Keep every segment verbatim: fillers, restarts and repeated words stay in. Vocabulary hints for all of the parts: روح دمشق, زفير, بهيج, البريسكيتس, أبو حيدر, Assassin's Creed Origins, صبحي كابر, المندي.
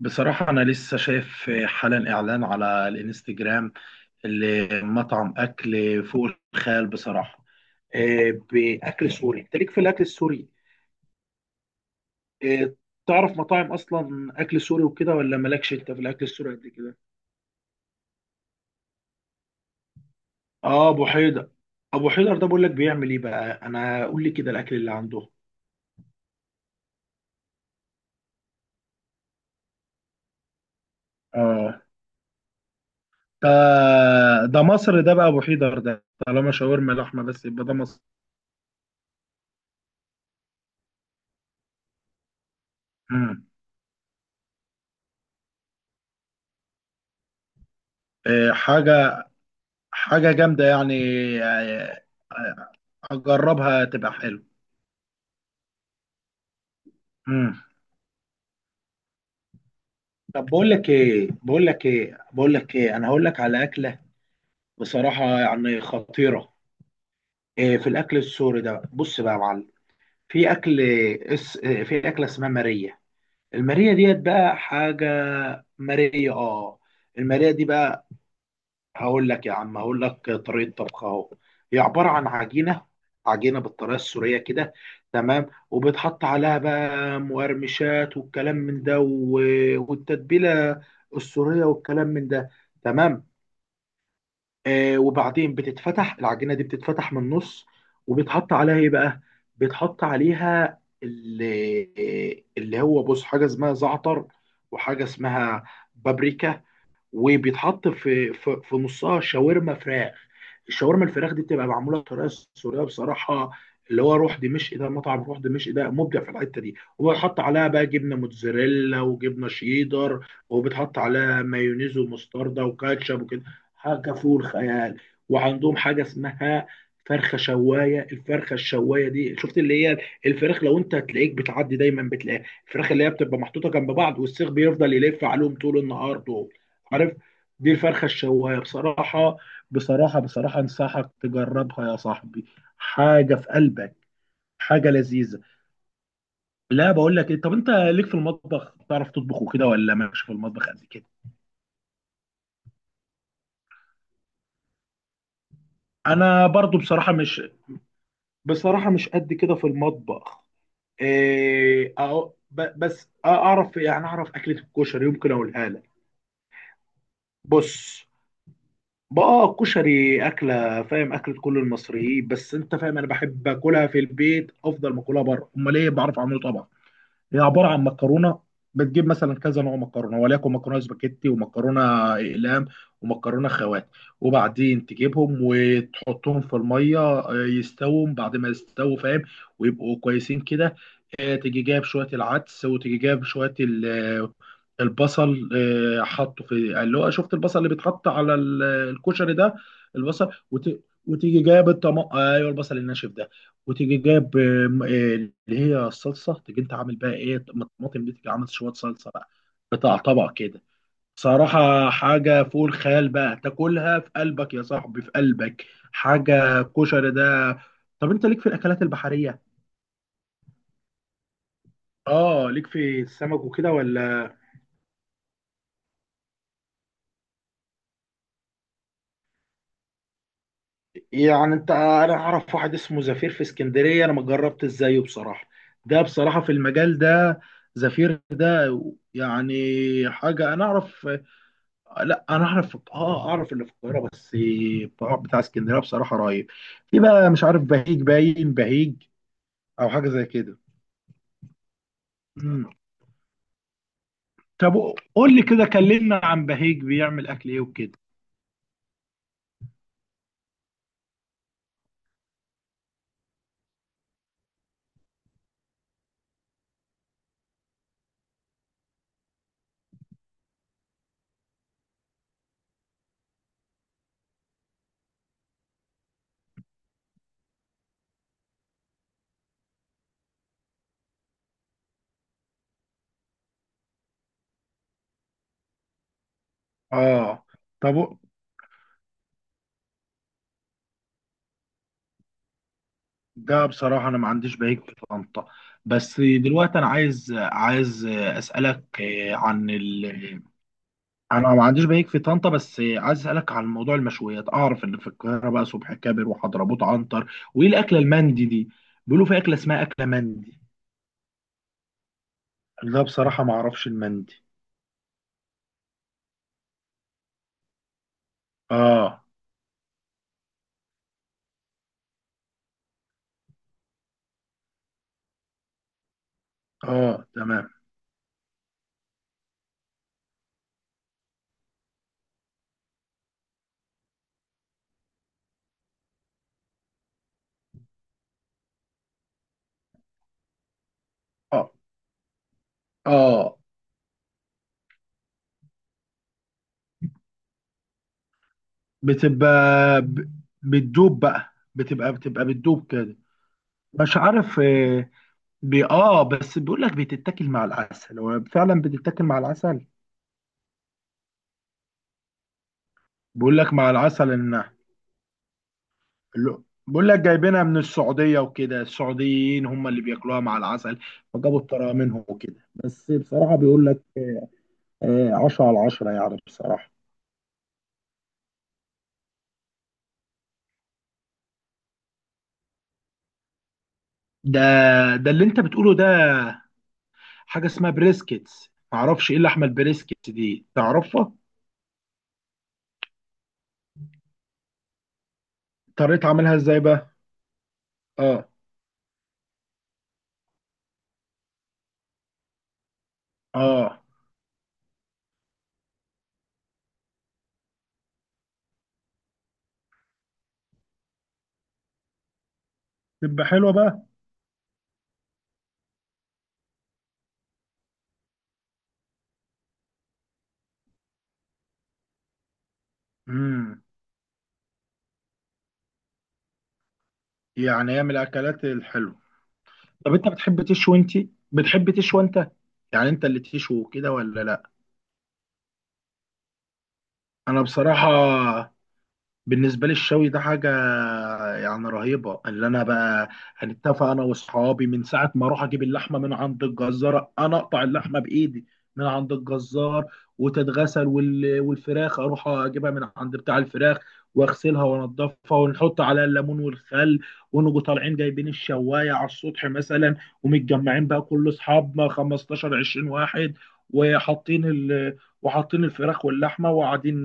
بصراحة، أنا لسه شايف حالا إعلان على الإنستجرام لمطعم أكل فوق الخيال. بصراحة، آه، بأكل سوري. أنت ليك في الأكل السوري؟ آه، تعرف مطاعم أصلا أكل سوري وكده، ولا مالكش أنت في الأكل السوري قد كده؟ آه، أبو حيدر. أبو حيدر ده بقول لك بيعمل إيه بقى؟ أنا قول لي كده الأكل اللي عنده. آه، ده ده مصر. ده بقى أبو حيدر ده، طالما شاورما لحمة بس يبقى ده مصر. مم. آه، حاجة حاجة جامدة يعني. آه، آه، أجربها تبقى حلو. مم. طب بقول لك إيه، بقول لك إيه بقول لك إيه أنا هقول لك على أكلة، بصراحة، يعني خطيرة. إيه، في الأكل السوري ده بص بقى يا معلم. في أكل اس... إيه، في أكلة اسمها مارية. المارية ديت بقى حاجة. مارية، آه. المارية دي بقى، هقول لك يا عم، هقول لك طريقه طبخها اهو. هي عباره عن عجينه، عجينه بالطريقه السوريه كده. تمام، وبتحط عليها بقى مقرمشات والكلام من ده، و- والتتبيله السوريه والكلام من ده. تمام. آه، وبعدين بتتفتح العجينه دي، بتتفتح من النص. وبتحط عليها ايه بقى؟ بتحط عليها اللي, اللي هو، بص، حاجه اسمها زعتر، وحاجه اسمها بابريكا. وبيتحط في في, في نصها شاورما فراخ. الشاورما الفراخ دي بتبقى معموله بطريقه سوريه، بصراحه. اللي هو روح دمشق، ده مطعم روح دمشق ده مبدع في الحته دي. وبيتحط عليها بقى جبنه موتزاريلا وجبنه شيدر، وبتحط عليها مايونيز ومستردة وكاتشب وكده. حاجه فوق الخيال. وعندهم حاجه اسمها فرخه شوايه. الفرخه الشوايه دي، شفت اللي هي؟ الفراخ لو انت هتلاقيك بتعدي دايما بتلاقيها، الفراخ اللي هي بتبقى محطوطه جنب بعض، والسيخ بيفضل يلف عليهم طول النهار دول. عارف؟ دي الفرخة الشواية بصراحة. بصراحة بصراحة أنصحك تجربها يا صاحبي. حاجة في قلبك، حاجة لذيذة. لا، بقول لك إيه، طب أنت ليك في المطبخ، تعرف تطبخ وكده، ولا مالكش في المطبخ قد كده؟ أنا برضو بصراحة مش، بصراحة مش قد كده في المطبخ. إيه أهو، ب- بس أعرف يعني، أعرف أكلة الكشري يمكن أقولها لك. بص بقى، الكشري أكلة، فاهم، أكلة كل المصريين. بس أنت فاهم، أنا بحب أكلها في البيت أفضل ما أكلها بره. أمال إيه، بعرف أعمله طبعا. هي عباره عن مكرونه. بتجيب مثلا كذا نوع مكرونه، وليكن مكرونه سباكيتي، ومكرونه اقلام، ومكرونه خوات. وبعدين تجيبهم وتحطهم في الميه، آه، يستووا. بعد ما يستووا، فاهم، ويبقوا كويسين كده. آه، تيجي جايب شويه العدس، وتيجي جايب شويه ال- آه، البصل. آه، حطه في اللي هو، شفت البصل اللي بيتحط على ال- الكشري ده؟ البصل وت... وتيجي جايب الطماطم. ايوه، البصل الناشف ده. وتيجي جايب آم، آه، اللي هي الصلصه. تيجي انت عامل بقى ايه الطماطم دي، تيجي عامل شويه صلصه بقى، قطع طبق كده. صراحه حاجه فوق الخيال بقى. تاكلها في قلبك يا صاحبي، في قلبك. حاجه كشري ده. طب انت ليك في الاكلات البحريه، اه، ليك في السمك وكده ولا؟ يعني انت، انا اعرف واحد اسمه زفير في اسكندريه، انا ما جربت ازايه بصراحه. ده بصراحه في المجال ده، زفير ده، يعني حاجه. انا اعرف، لا انا اعرف، اه اعرف اللي في القاهره بس. بتاع بتاع اسكندريه بصراحه رهيب. في بقى، مش عارف، بهيج، باين بهيج او حاجه زي كده. مم. طب قول لي كده، كلمنا عن بهيج، بيعمل اكل ايه وكده؟ اه، طب ده بصراحه انا ما عنديش بهيج في طنطا. بس دلوقتي انا عايز، عايز اسالك، آه، عن، انا ما عنديش بيك في طنطا. بس عايز اسالك عن موضوع المشويات. اعرف ان في القاهره بقى صبحي كابر وحضرموت عنتر، وايه الاكله المندي دي؟ بيقولوا في اكله اسمها اكله مندي. لا بصراحه ما اعرفش المندي. اه، اه تمام. اه، اه. بتبقى ب- بتدوب بقى، بتبقى بتبقى بتدوب كده. مش عارف. آه، بي اه بس بيقول لك بتتاكل مع العسل. هو فعلا بتتاكل مع العسل. بيقول لك مع العسل، ان اللو- بقول لك جايبينها من السعودية وكده، السعوديين هم اللي بياكلوها مع العسل، فجابوا الطريقة منهم وكده. بس بصراحة بيقول لك، آه، عشرة على عشرة يعني، بصراحة. ده ده اللي انت بتقوله ده، حاجة اسمها بريسكيتس، معرفش ايه اللحمة البريسكيتس دي، تعرفها؟ طريقة عملها ازاي بقى؟ اه، اه، تبقى حلوة بقى. امم، يعني هي من الاكلات الحلوة. طب انت بتحب تشوي انت، بتحب تشوي انت يعني انت اللي تشوي كده ولا لا؟ انا بصراحة، بالنسبة لي الشوي ده حاجة يعني رهيبة. اللي أنا بقى هنتفق أنا وأصحابي، من ساعة ما أروح أجيب اللحمة من عند الجزار، أنا أقطع اللحمة بإيدي من عند الجزار وتتغسل وال- والفراخ أروح أجيبها من عند بتاع الفراخ، وأغسلها وأنضفها، ونحط عليها الليمون والخل، ونجوا طالعين جايبين الشواية على السطح مثلا، ومتجمعين بقى كل أصحابنا خمسة عشر عشرين واحد، وحاطين ال وحاطين الفراخ واللحمة، وقاعدين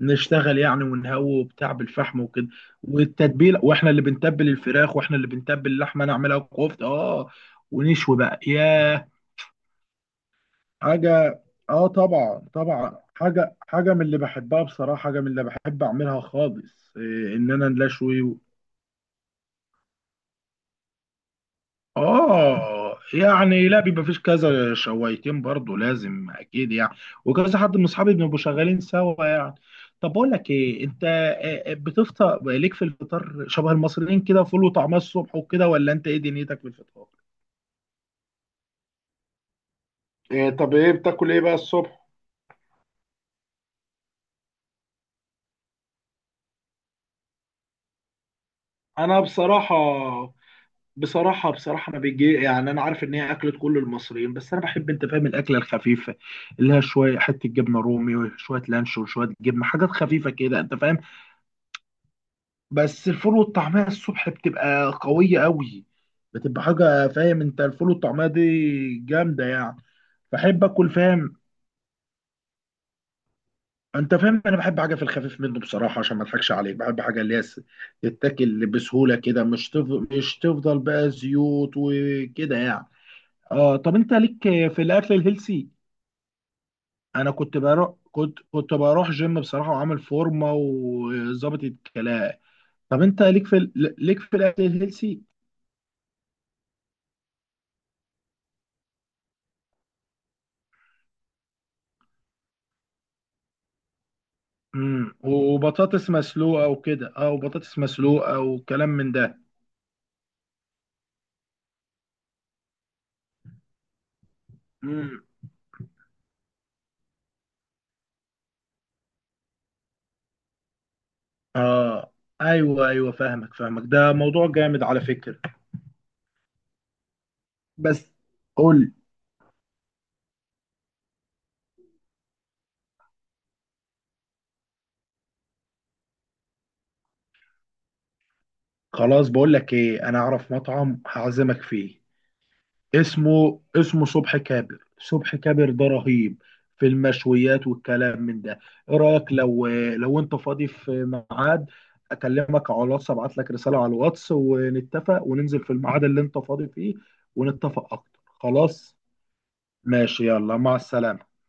نشتغل يعني، ونهوي وبتاع بالفحم وكده. والتتبيله واحنا اللي بنتبل الفراخ، واحنا اللي بنتبل اللحمه نعملها كفته، اه. ونشوي بقى، ياه حاجه. اه طبعا، طبعا، حاجه، حاجه من اللي بحبها بصراحه، حاجه من اللي بحب اعملها خالص، إيه؟ ان انا نشوي. اه يعني، لا بيبقى فيش، كذا شويتين برضو لازم اكيد يعني. وكذا حد من اصحابي بنبقوا شغالين سوا يعني. طب بقول لك ايه انت، آه، آه، بتفطر، ليك في الفطار شبه المصريين كده، فول وطعميه الصبح وكده، ولا انت ايه دنيتك في الفطار؟ إيه؟ طب ايه بتاكل ايه بقى الصبح؟ انا بصراحه، بصراحه بصراحه ما بيجي يعني. انا عارف ان هي اكله كل المصريين، بس انا بحب، انت فاهم، الاكله الخفيفه. اللي هي شويه حته جبنه رومي وشويه لانشون وشويه جبنه، حاجات خفيفه كده انت فاهم. بس الفول والطعمية الصبح بتبقى قوية قوي، بتبقى حاجة فاهم، انت، الفول والطعمية دي جامدة يعني. بحب اكل فاهم، انت فاهم، انا بحب حاجة في الخفيف منه بصراحة. عشان ما اضحكش عليك، بحب حاجة اللي هي س- تتاكل بسهولة كده، مش تفضل، مش تفضل بقى زيوت وكده يعني. اه. طب انت ليك في الاكل الهيلسي؟ انا كنت بروح، كنت كنت بروح جيم بصراحة، وعامل فورمة وظابط الكلام. طب انت ليك في ال- ليك في الاكل الهيلسي؟ امم، وبطاطس مسلوقه وكده، اه، وبطاطس مسلوقه وكلام من ده. امم، اه، ايوه ايوه، فاهمك فاهمك، ده موضوع جامد على فكره. بس قول. خلاص بقول لك ايه، انا اعرف مطعم هعزمك فيه. اسمه اسمه صبح كابر. صبح كابر ده رهيب في المشويات والكلام من ده. ايه رايك، لو لو انت فاضي في ميعاد، اكلمك على الواتس، ابعت لك رساله على الواتس ونتفق وننزل في الميعاد اللي انت فاضي فيه. ونتفق اكتر. خلاص، ماشي، يلا، مع السلامه.